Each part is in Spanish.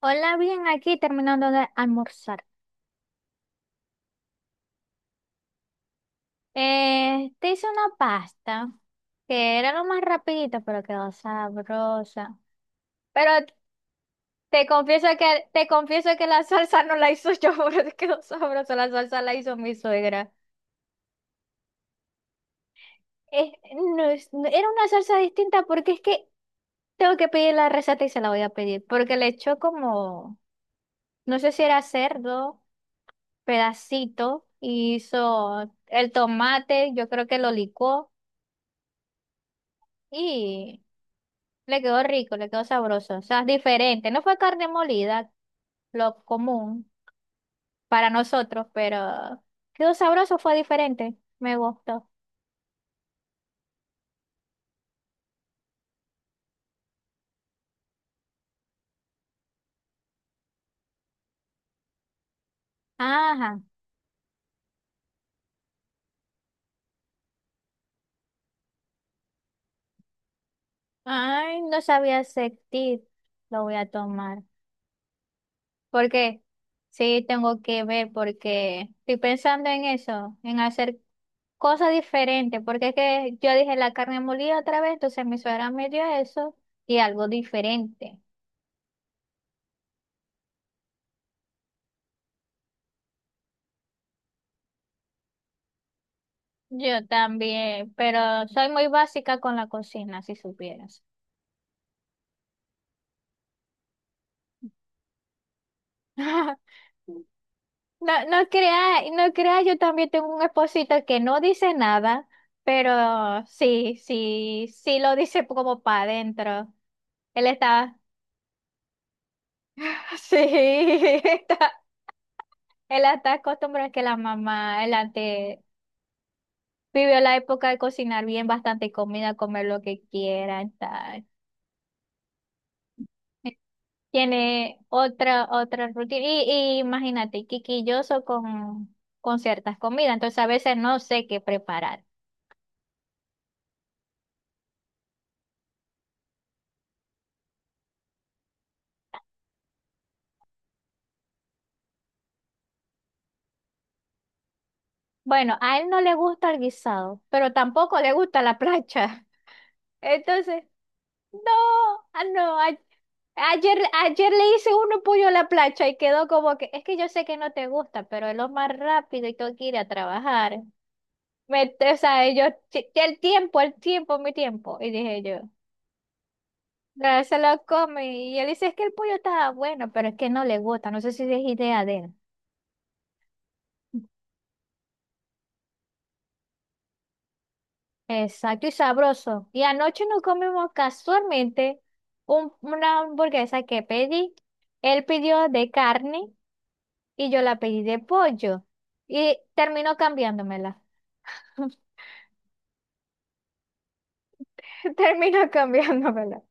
Hola, bien, aquí terminando de almorzar. Te hice una pasta que era lo más rapidito, pero quedó sabrosa. Pero te confieso que la salsa no la hizo yo, pero quedó sabrosa. La salsa la hizo mi suegra. Es- Era una salsa distinta porque es que tengo que pedir la receta y se la voy a pedir porque le echó como no sé si era cerdo, pedacito, y hizo el tomate, yo creo que lo licuó y le quedó rico, le quedó sabroso. O sea, diferente. No fue carne molida, lo común para nosotros, pero quedó sabroso, fue diferente. Me gustó. Ajá. Ay, no sabía sentir. Lo voy a tomar. ¿Por qué? Sí, tengo que ver porque estoy pensando en eso, en hacer cosa diferente, porque es que yo dije la carne molida otra vez, entonces mi suegra me dio eso y algo diferente. Yo también, pero soy muy básica con la cocina, si supieras. No, no creas, no creas, yo también tengo un esposito que no dice nada, pero sí, sí, sí lo dice como para adentro. Él está, sí, está, él está acostumbrado a que la mamá, él antes vivió la época de cocinar bien, bastante comida, comer lo que quieran, tal. Tiene otra rutina. Y imagínate, quisquilloso con ciertas comidas. Entonces a veces no sé qué preparar. Bueno, a él no le gusta el guisado, pero tampoco le gusta la plancha. Entonces, no, ah, no. Ayer, ayer le hice uno pollo a la plancha y quedó como que, es que yo sé que no te gusta, pero es lo más rápido y tengo que ir a trabajar. Me, o sea, yo, El tiempo, el tiempo, mi tiempo." Y dije yo, "Ah, se lo come." Y él dice, es que el pollo estaba bueno, pero es que no le gusta. No sé si es idea de él. Exacto, y sabroso. Y anoche nos comimos casualmente una hamburguesa que pedí. Él pidió de carne y yo la pedí de pollo. Y terminó cambiándomela. Terminó cambiándomela.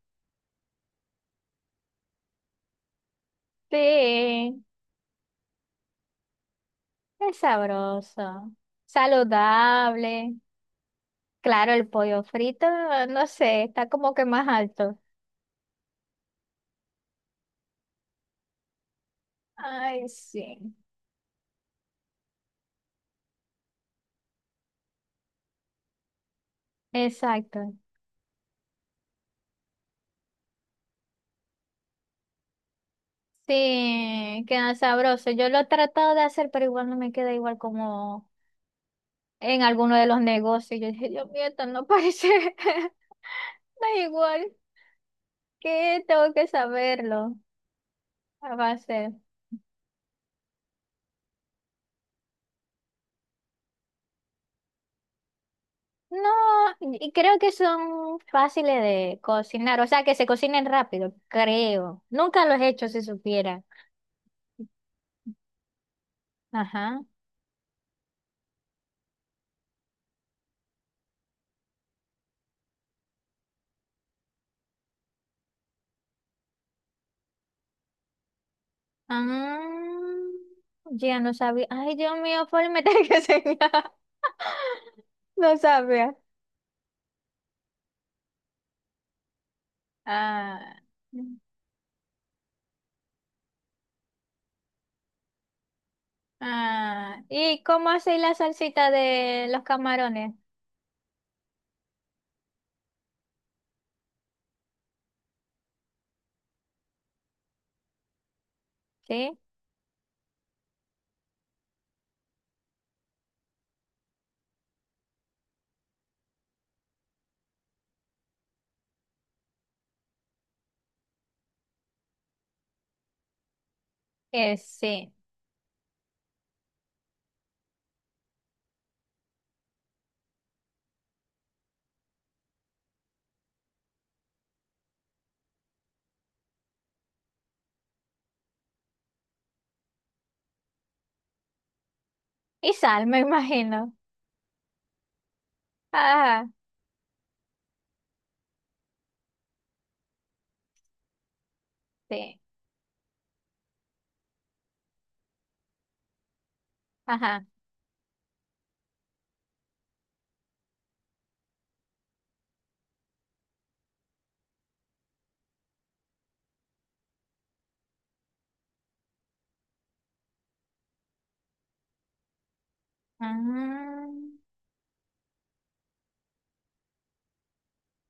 Sí, es sabroso, saludable. Claro, el pollo frito, no sé, está como que más alto. Ay, sí. Exacto. Sí, queda sabroso. Yo lo he tratado de hacer, pero igual no me queda igual como en alguno de los negocios. Yo dije, Dios mío, esto no parece, no es igual. Que tengo que saberlo. ¿Qué va a base? No, y creo que son fáciles de cocinar, o sea, que se cocinen rápido, creo. Nunca los he hecho, si supiera. Ajá. Ah, ya no sabía. Ay, Dios mío, por meter que señal. No sabía. Ah, ah. ¿Y cómo hacéis la salsita de los camarones? ¿Sí? Sí. Y sal, me imagino. Ajá, sí. Ajá. Ah,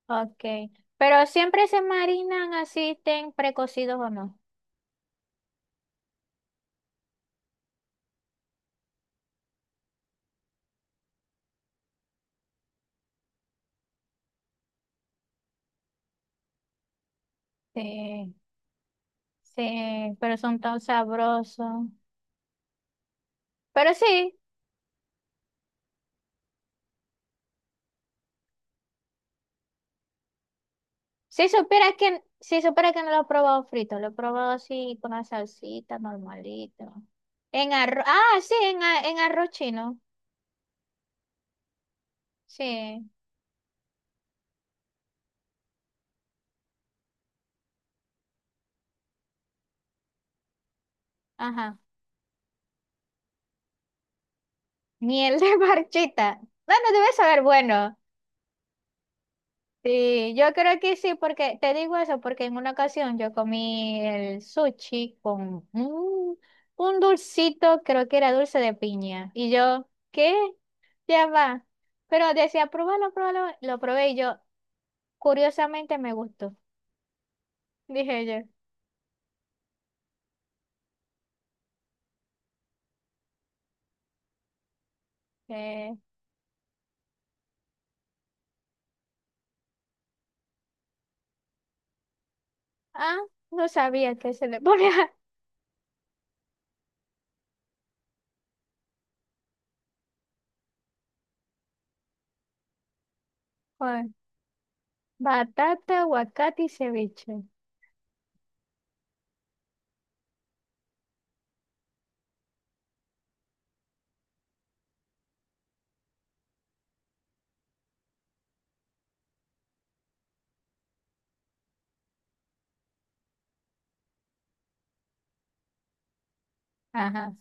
ok. Pero siempre se marinan así, estén precocidos o no. Sí, sí, pero son tan sabrosos. Pero sí, si supieras que no lo he probado frito, lo he probado así con la salsita normalito. En arroz, ah, sí, en arroz chino. Sí, ajá. Miel de marchita. Bueno, debe saber, bueno. Sí, yo creo que sí, porque te digo eso, porque en una ocasión yo comí el sushi con un dulcito, creo que era dulce de piña. Y yo, ¿qué? Ya va. Pero decía, pruébalo, pruébalo. Lo probé y yo, curiosamente, me gustó. Dije yo, eh, ah, no sabía que se le ponía joder, batata, aguacate y ceviche. Ajá.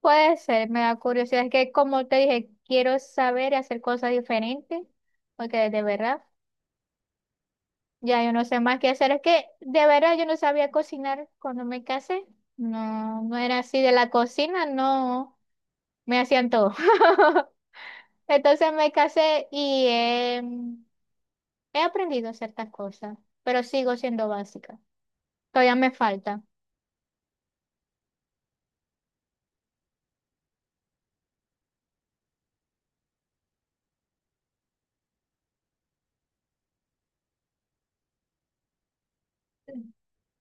Puede ser, me da curiosidad. Es que como te dije, quiero saber y hacer cosas diferentes, porque de verdad, ya yo no sé más qué hacer. Es que de verdad yo no sabía cocinar cuando me casé. No, no era así de la cocina, no, me hacían todo. Entonces me casé y em, he aprendido ciertas cosas, pero sigo siendo básica. Todavía me falta.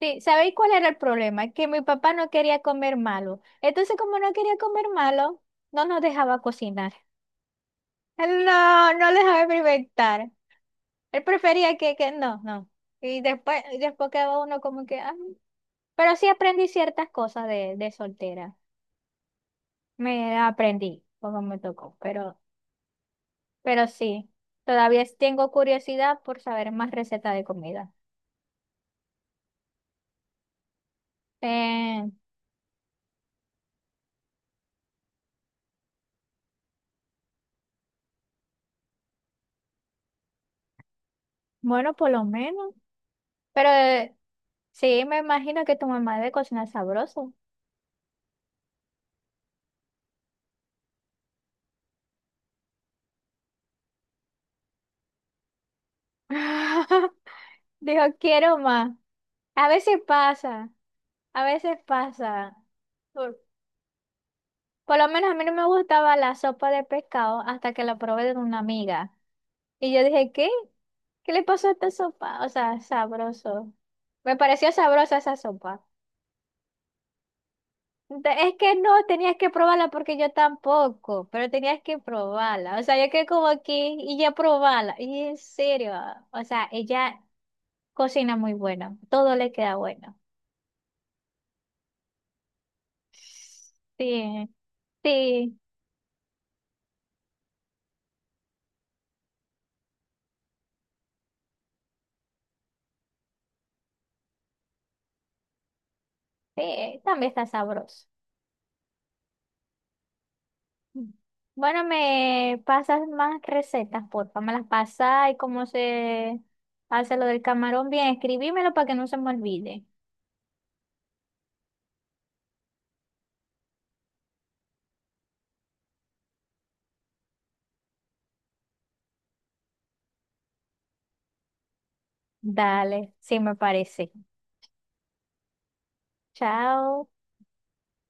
Sí, ¿sabéis cuál era el problema? Que mi papá no quería comer malo. Entonces, como no quería comer malo, no nos dejaba cocinar. Él no, no le dejaba experimentar. Él prefería que no, no. Y después quedaba uno como que, ah. Pero sí aprendí ciertas cosas de soltera. Me aprendí, como me tocó. Pero sí, todavía tengo curiosidad por saber más recetas de comida. Eh, bueno, por lo menos. Pero sí, me imagino que tu mamá debe cocinar sabroso. Dijo, quiero más. A veces pasa, a veces pasa. Por, por lo menos a mí no me gustaba la sopa de pescado hasta que la probé de una amiga. Y yo dije, ¿qué? ¿Qué le pasó a esta sopa? O sea, sabroso. Me pareció sabrosa esa sopa. Es que no, tenías que probarla porque yo tampoco, pero tenías que probarla. O sea, yo quedé como aquí y ya probarla. Y en serio, o sea, ella cocina muy bueno, todo le queda bueno. Sí, sí, sí, también está sabroso. Bueno, me pasas más recetas, porfa, me las pasas y cómo se hace lo del camarón. Bien, escribímelo para que no se me olvide. Dale, sí me parece. Chao.